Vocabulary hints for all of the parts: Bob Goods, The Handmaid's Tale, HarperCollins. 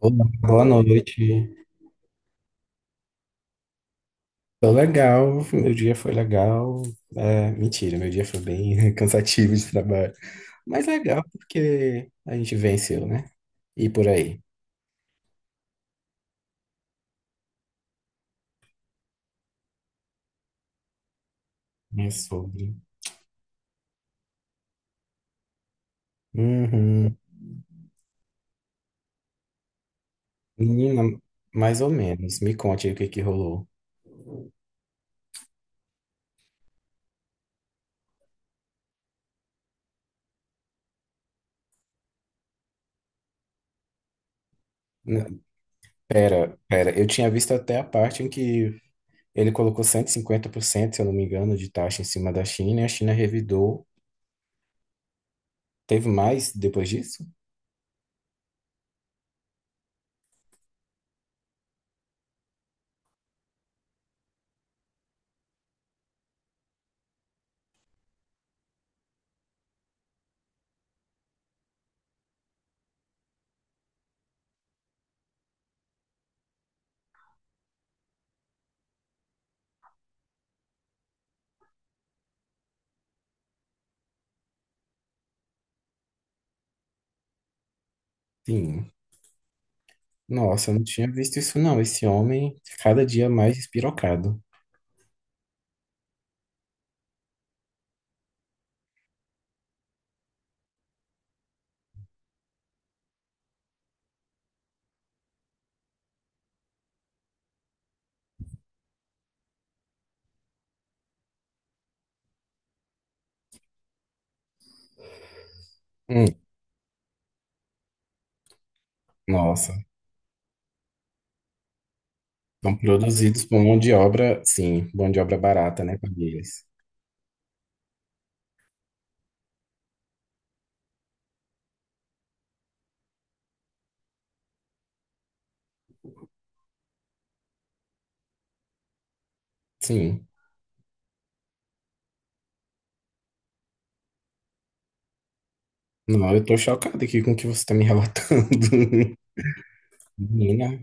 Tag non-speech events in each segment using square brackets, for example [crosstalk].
Olá, boa noite. Tô legal, meu dia foi legal. É, mentira, meu dia foi bem [laughs] cansativo de trabalho. Mas legal porque a gente venceu, né? E por aí. É sobre. Uhum. Menina, mais ou menos. Me conte aí o que rolou. N- pera. Eu tinha visto até a parte em que ele colocou 150%, se eu não me engano, de taxa em cima da China e a China revidou. Teve mais depois disso? Sim. Nossa, eu não tinha visto isso não. Esse homem, cada dia mais despirocado. Hum, nossa, são produzidos por mão de obra, sim, mão de obra barata, né, para eles. Sim. Não, eu tô chocado aqui com o que você tá me relatando. [laughs] Menina,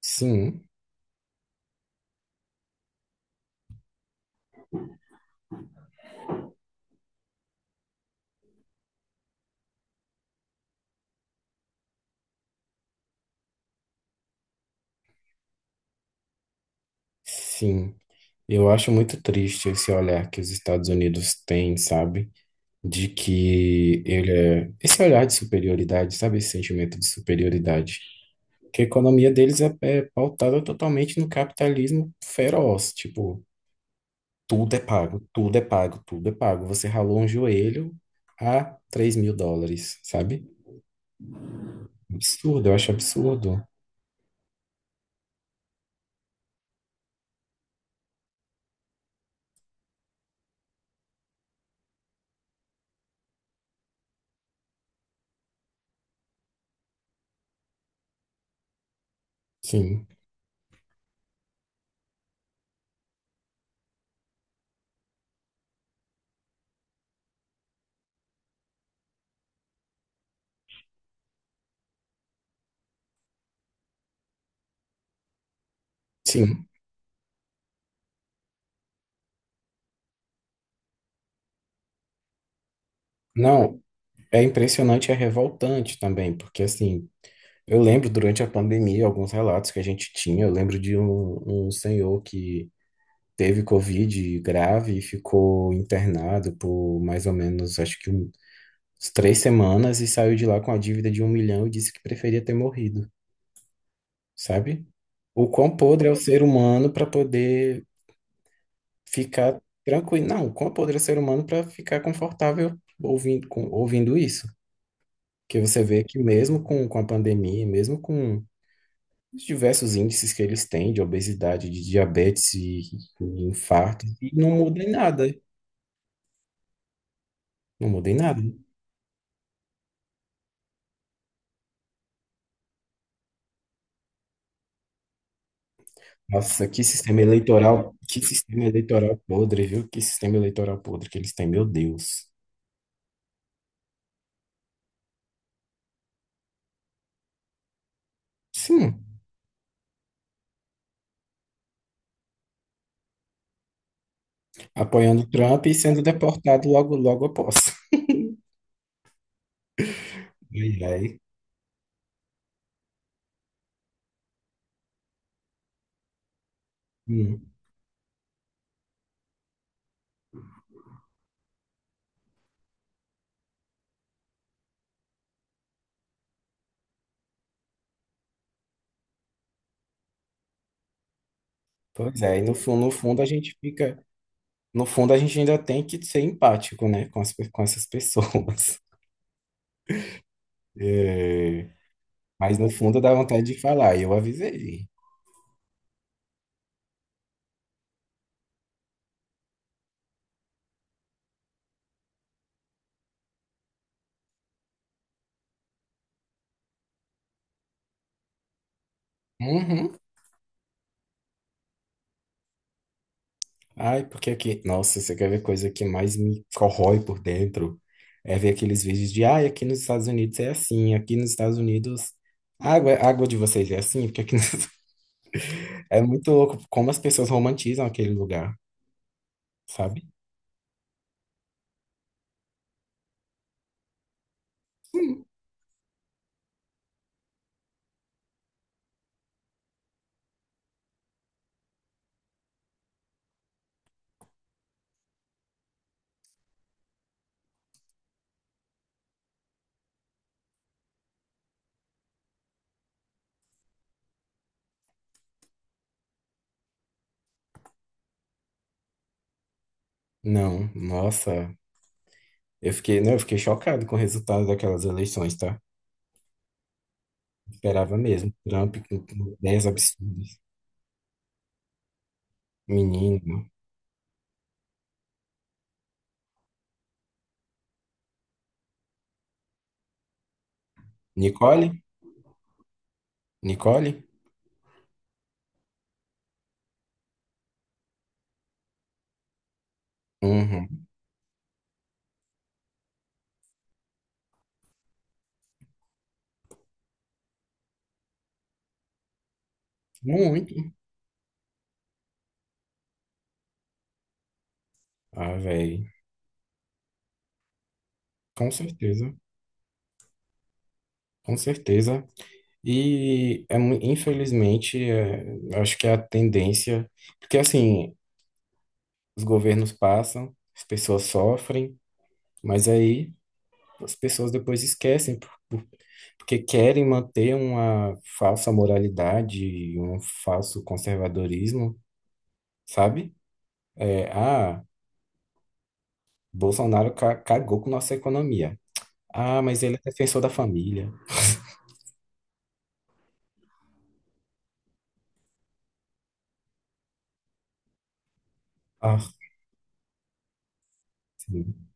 sim, sim. Eu acho muito triste esse olhar que os Estados Unidos têm, sabe? De que ele é... Esse olhar de superioridade, sabe? Esse sentimento de superioridade. Porque a economia deles é pautada totalmente no capitalismo feroz. Tipo, tudo é pago, tudo é pago, tudo é pago. Você ralou um joelho a 3 mil dólares, sabe? Absurdo, eu acho absurdo. Sim, sim. Não, é impressionante, é revoltante também, porque assim, eu lembro durante a pandemia alguns relatos que a gente tinha. Eu lembro de um senhor que teve Covid grave e ficou internado por mais ou menos, acho que três semanas e saiu de lá com a dívida de um milhão e disse que preferia ter morrido, sabe? O quão podre é o ser humano para poder ficar tranquilo. Não, o quão podre é o ser humano para ficar confortável ouvindo isso. Que você vê que mesmo com a pandemia, mesmo com os diversos índices que eles têm de obesidade, de diabetes e infarto, e não muda em nada. Não muda em nada. Nossa, que sistema eleitoral podre, viu? Que sistema eleitoral podre que eles têm, meu Deus. Sim, apoiando Trump e sendo deportado logo, logo após. Ai, ai. Hum. Pois é, e no fundo, no fundo a gente fica, no fundo a gente ainda tem que ser empático, né, com essas pessoas. [laughs] É, mas no fundo dá vontade de falar, eu avisei. Uhum. Ai, porque aqui, nossa, você quer ver coisa que mais me corrói por dentro? É ver aqueles vídeos de, ai, aqui nos Estados Unidos é assim, aqui nos Estados Unidos a água de vocês é assim, porque aqui nos... [laughs] é muito louco como as pessoas romantizam aquele lugar, sabe? Não, nossa, não, eu fiquei chocado com o resultado daquelas eleições, tá? Esperava mesmo. Trump com ideias absurdas. Menino, né? Nicole? Nicole? Uhum. Muito. Ah, velho. Com certeza. Com certeza. Infelizmente, é, acho que é a tendência. Porque, assim, os governos passam, as pessoas sofrem, mas aí as pessoas depois esquecem, porque querem manter uma falsa moralidade, um falso conservadorismo, sabe? É, ah. Cagou com nossa economia. Ah, mas ele é defensor da família. Ah, sim.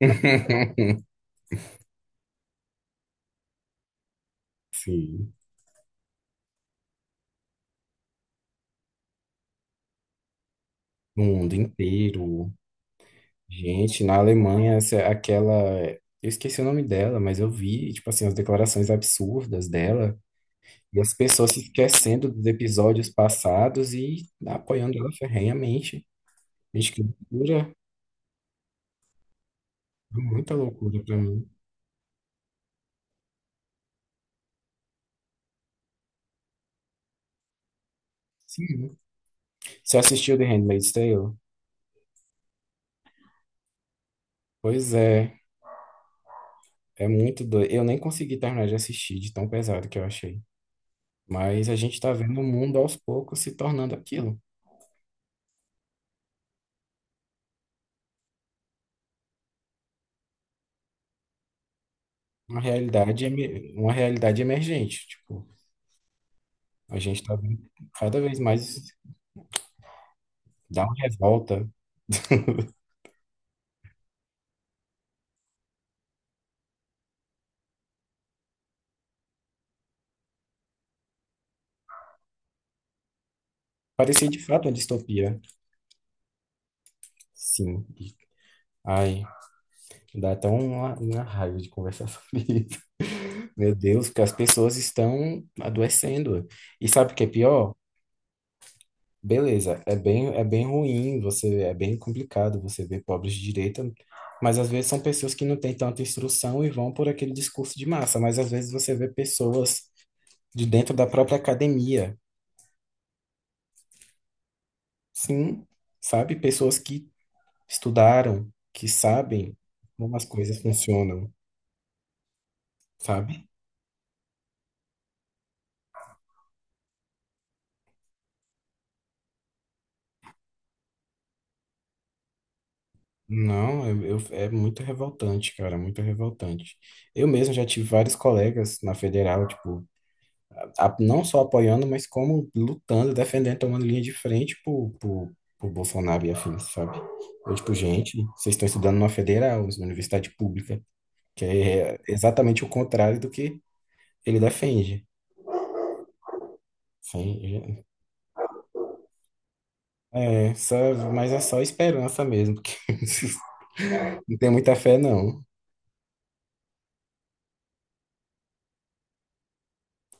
[laughs] Sim. No mundo inteiro. Gente, na Alemanha, essa, é aquela. Eu esqueci o nome dela, mas eu vi, tipo assim, as declarações absurdas dela e as pessoas se esquecendo dos episódios passados e apoiando ela ferrenhamente. Gente, que loucura. Muita loucura pra mim. Sim. Você assistiu The Handmaid's Tale? Pois é. É muito doido. Eu nem consegui terminar de assistir de tão pesado que eu achei. Mas a gente tá vendo o mundo aos poucos se tornando aquilo. Uma realidade emergente. Tipo, a gente tá vendo cada vez mais dar uma revolta. [laughs] Parecia de fato uma distopia. Sim. Ai, dá até uma raiva de conversar [laughs] sobre isso. Meu Deus, que as pessoas estão adoecendo. E sabe o que é pior? Beleza, é bem ruim, você é bem complicado você ver pobres de direita, mas às vezes são pessoas que não têm tanta instrução e vão por aquele discurso de massa, mas às vezes você vê pessoas de dentro da própria academia, sim, sabe? Pessoas que estudaram, que sabem como as coisas funcionam, sabe? Não, é muito revoltante, cara, muito revoltante. Eu mesmo já tive vários colegas na federal, tipo, não só apoiando, mas como lutando, defendendo, tomando linha de frente pro Bolsonaro e afins, sabe? Eu, tipo, gente, vocês estão estudando numa federal, numa universidade pública, que é exatamente o contrário do que ele defende. Sim, é, só, mas é só esperança mesmo, porque [laughs] não tem muita fé, não,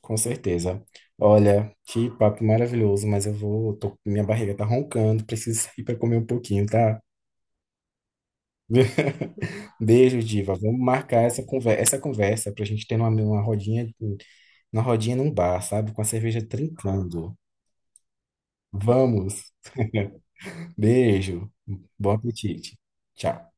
com certeza. Olha, que papo maravilhoso, mas minha barriga tá roncando, preciso sair para comer um pouquinho, tá? [laughs] Beijo, Diva. Vamos marcar essa conversa para a gente ter uma rodinha num bar, sabe? Com a cerveja trincando. Vamos. [laughs] Beijo. Bom apetite. Tchau.